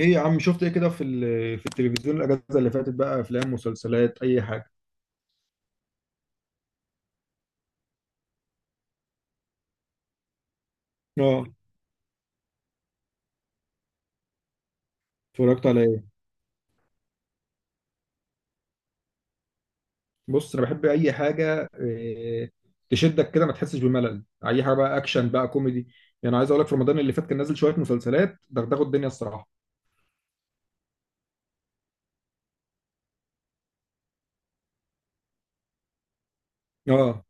ايه يا عم، شفت ايه كده في التلفزيون الاجازه اللي فاتت؟ بقى افلام، مسلسلات، اي حاجه. اه. اتفرجت على ايه؟ بص انا بحب اي حاجه تشدك كده، ما تحسش بملل، اي حاجه بقى اكشن بقى كوميدي. يعني عايز اقول لك في رمضان اللي فات كان نازل شويه مسلسلات دغدغوا الدنيا الصراحه. اه.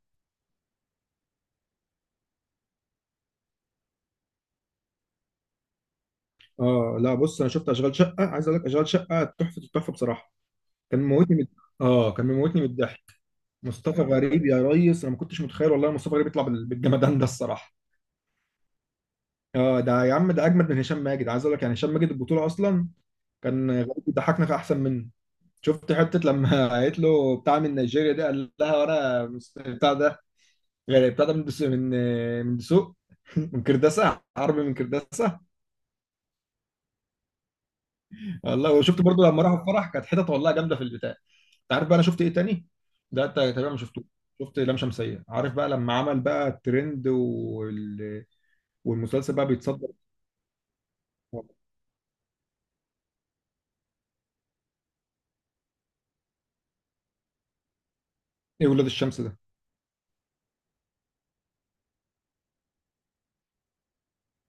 اه. لا بص، انا شفت اشغال شقه، عايز اقول لك اشغال شقه تحفه التحفه بصراحه. كان موتني من اه كان موتني من الضحك. مصطفى غريب يا ريس، انا ما كنتش متخيل والله مصطفى غريب يطلع بالجمدان ده الصراحه. اه، ده يا عم، ده اجمد من هشام ماجد، عايز اقول لك، يعني هشام ماجد البطوله اصلا. كان غريب بيضحكنا في احسن منه. شفت حته لما قالت له بتاع من نيجيريا ده، قال لها وانا بتاع ده، غير بتاع ده من دسوق، من دسوق. من كرداسه، عربي من كرداسه. والله، وشفت برضو لما راحوا الفرح كانت حتت والله جامده في البتاع. انت عارف بقى انا شفت ايه تاني؟ ده انت تقريبا ما شفتوش. شفت لام شمسيه، عارف بقى لما عمل بقى الترند والمسلسل بقى بيتصدر. ايه ولاد الشمس ده؟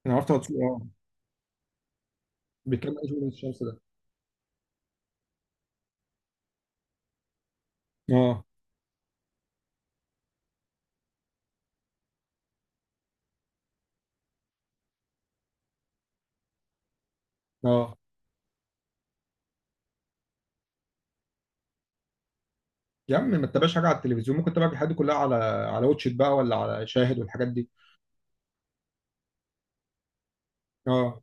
انا عرفت هو. اه. بيتكلم ايه ولاد الشمس ده؟ اه. اه يا عم، ما تتابعش حاجه على التلفزيون، ممكن تتابع الحاجات دي كلها على على واتشت بقى، ولا على شاهد والحاجات دي. اه.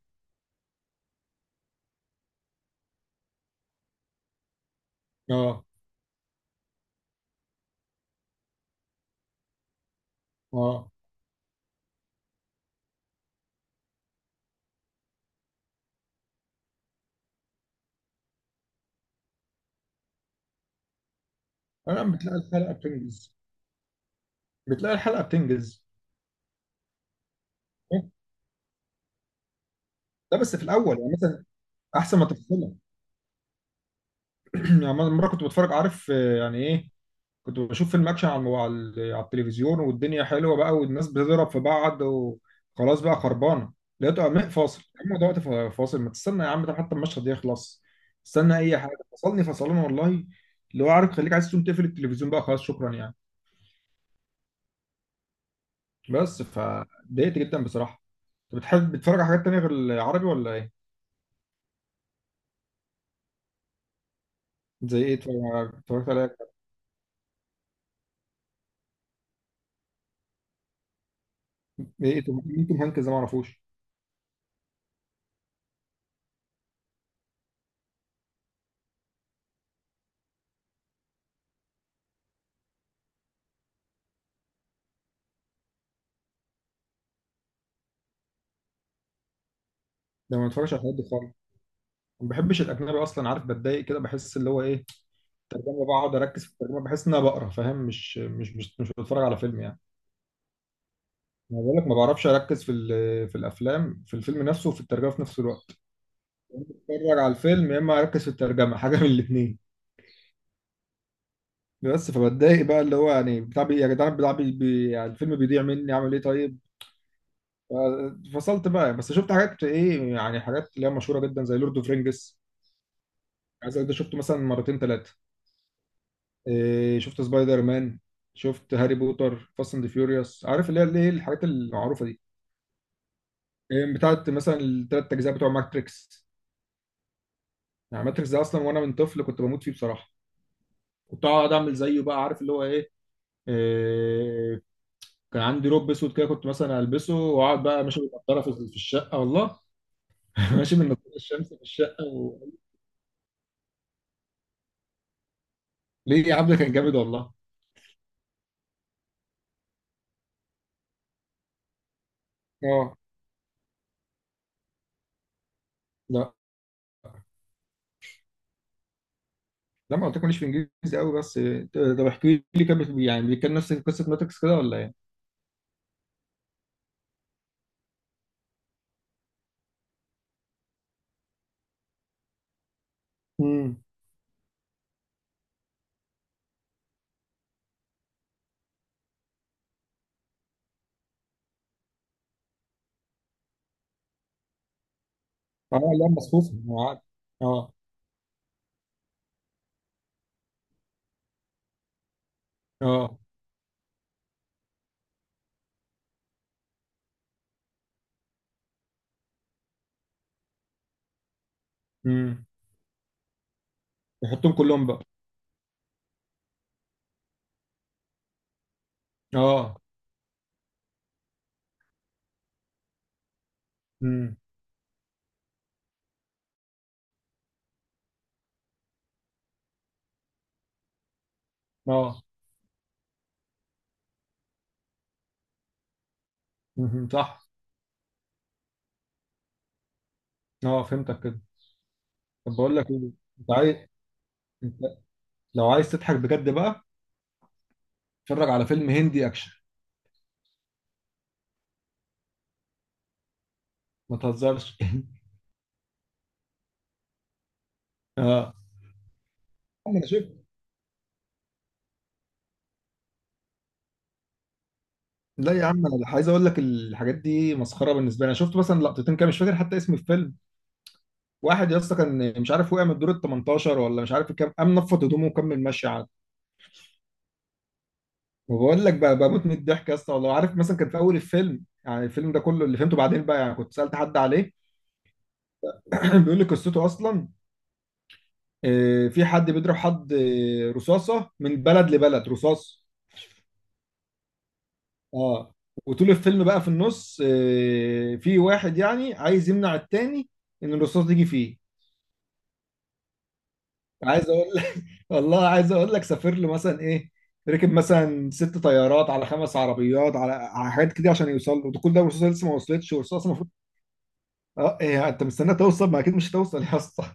اه. اه. انا بتلاقي الحلقه بتنجز. بتلاقي الحلقه بتنجز. لا بس في الاول يعني مثلا، احسن ما تفصلها. يعني مره كنت بتفرج، عارف يعني ايه، كنت بشوف الماتش على الم- على ال- على التلفزيون، والدنيا حلوه بقى والناس بتضرب في بعض وخلاص بقى خربانه، لقيته قام فاصل. يا عم، ده وقت فاصل؟ ما تستنى يا عم، ده حتى المشهد يخلص، استنى اي حاجه. فصلني فصلنا والله. اللي هو عارف، خليك عايز تقوم تقفل التلفزيون بقى خلاص، شكرا يعني. بس فضايقت جدا بصراحه. انت بتحب بتتفرج على حاجات تانية غير العربي ولا ايه؟ زي ايه اتفرج اتفرجت على ايه؟ مين توم هانكس ده، ما اعرفوش. ده ما بتفرجش على الحاجات دي خالص، ما بحبش الاجنبي اصلا، عارف بتضايق كده، بحس اللي هو ايه الترجمه، بقعد اركز في الترجمه، بحس ان انا بقرا فاهم، مش بتفرج على فيلم يعني. انا بقول لك ما بعرفش اركز في الافلام، في الفيلم نفسه وفي الترجمه في نفس الوقت. بتفرج على الفيلم يا اما اركز في الترجمه، حاجه من الاثنين. بس فبتضايق بقى اللي هو يعني يا جدعان، يعني الفيلم بيضيع مني، اعمل ايه طيب؟ فصلت بقى، بس شفت حاجات ايه، يعني حاجات اللي هي مشهوره جدا زي لورد اوف رينجز، عايز أقول ده شفته مثلا مرتين ثلاثه. إيه، شفت سبايدر مان، شفت هاري بوتر، فاست اند فيوريوس، عارف اللي هي الحاجات المعروفه دي. إيه، بتاعت مثلا الثلاث اجزاء بتوع ماتريكس. يعني ماتريكس ده اصلا وانا من طفل كنت بموت فيه بصراحه. كنت اقعد اعمل زيه بقى عارف اللي هو ايه. إيه، كان عندي روب اسود كده، كنت مثلا البسه واقعد بقى ماشي بالنضاره في الشقه والله. ماشي بالنضاره الشمس في الشقه و... ليه يا عم؟ ده كان جامد والله. اه. لا، لا، ما قلت لكم ليش، في انجليزي قوي بس. إيه، طب احكي لي، كان يعني بيتكلم نفس قصه ماتريكس كده ولا ايه؟ امم. اه لا، مصفوفه عادي. اه. اه. امم. يحطهم كلهم بقى. اه. امم. اه. مهم. صح. اه، فهمتك كده. طب بقول لك ايه، انت عايز، انت لو عايز تضحك بجد بقى اتفرج على فيلم هندي اكشن. ما تهزرش. اه يا عم انا شفت. لا يا عم، انا عايز اقول لك الحاجات دي مسخره بالنسبه لي. انا شفت مثلا لقطتين كده، مش فاكر حتى اسم الفيلم. واحد يا اسطى كان مش عارف، وقع من الدور ال 18 ولا مش عارف كام، قام نفض هدومه وكمل ماشي عادي. وبقول لك بقى، بموت من الضحك يا اسطى والله. عارف مثلا كان في اول الفيلم، يعني الفيلم ده كله اللي فهمته بعدين بقى، يعني كنت سالت حد عليه. بيقول لي قصته اصلا. آه، في حد بيضرب حد، آه، رصاصه من بلد لبلد، رصاص. اه. وطول الفيلم بقى في النص، آه، في واحد يعني عايز يمنع التاني ان الرصاص تيجي فيه. عايز اقول لك. والله عايز اقول لك سافر له مثلا ايه، ركب مثلا ست طيارات على خمس عربيات على على حاجات كده عشان يوصل له ده، كل ده الرصاصه لسه ما وصلتش، والرصاصه المفروض. اه إيه، انت مستني توصل، ما اكيد مش هتوصل يا اسطى.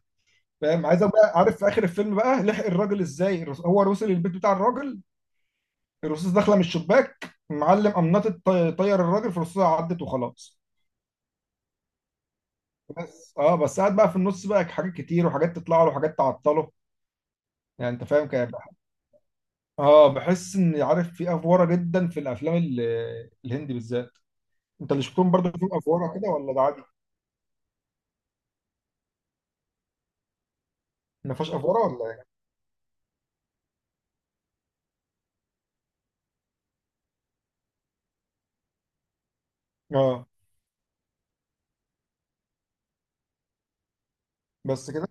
فاهم؟ عايز بقى عارف في اخر الفيلم بقى لحق الراجل ازاي هو وصل البيت بتاع الراجل، الرصاص داخله من الشباك معلم قمنطت طير الراجل، فالرصاصه عدت وخلاص. بس اه، بس قاعد بقى في النص بقى حاجات كتير، وحاجات تطلع له وحاجات تعطله، يعني انت فاهم كده. اه بحس ان عارف في افوره جدا في الافلام الهندي بالذات. انت اللي شفتهم برضه فيهم افوره كده ولا ده عادي؟ ما فيهاش افوره ولا ايه؟ اه. بس كده.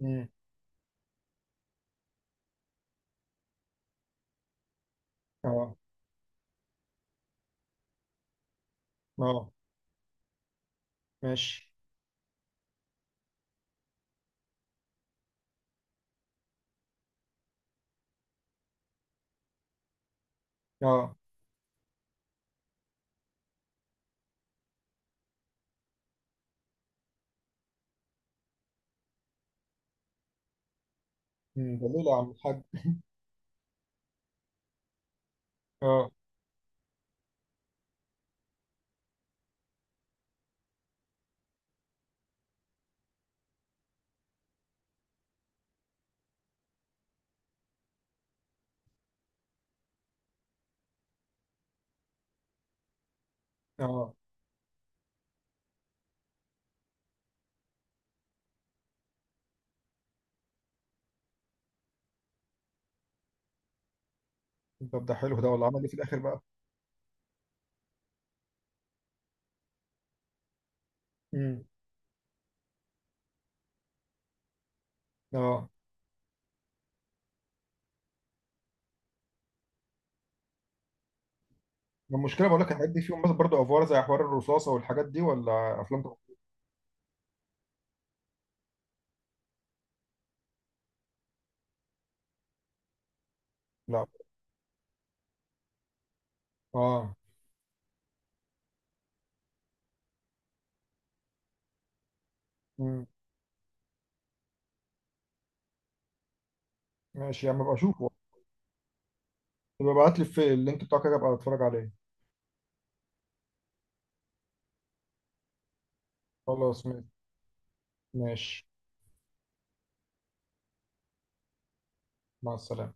امم. اه. اه. ماشي. اه. امم. ده ليه يا عم الحاج؟ اه. اه. طب ده حلو، ده ولا عمل ايه في الاخر بقى؟ امم. اه. المشكله بقول لك الحاجات دي فيهم بس برضه افوار زي حوار الرصاصه والحاجات دي، ولا افلام لا. اه. مم. ماشي يا عم، ابقى اشوفه. يبقى ابعت لي في اللينك بتاعك كده، ابقى اتفرج عليه. خلاص ماشي. ماشي. مع السلامه.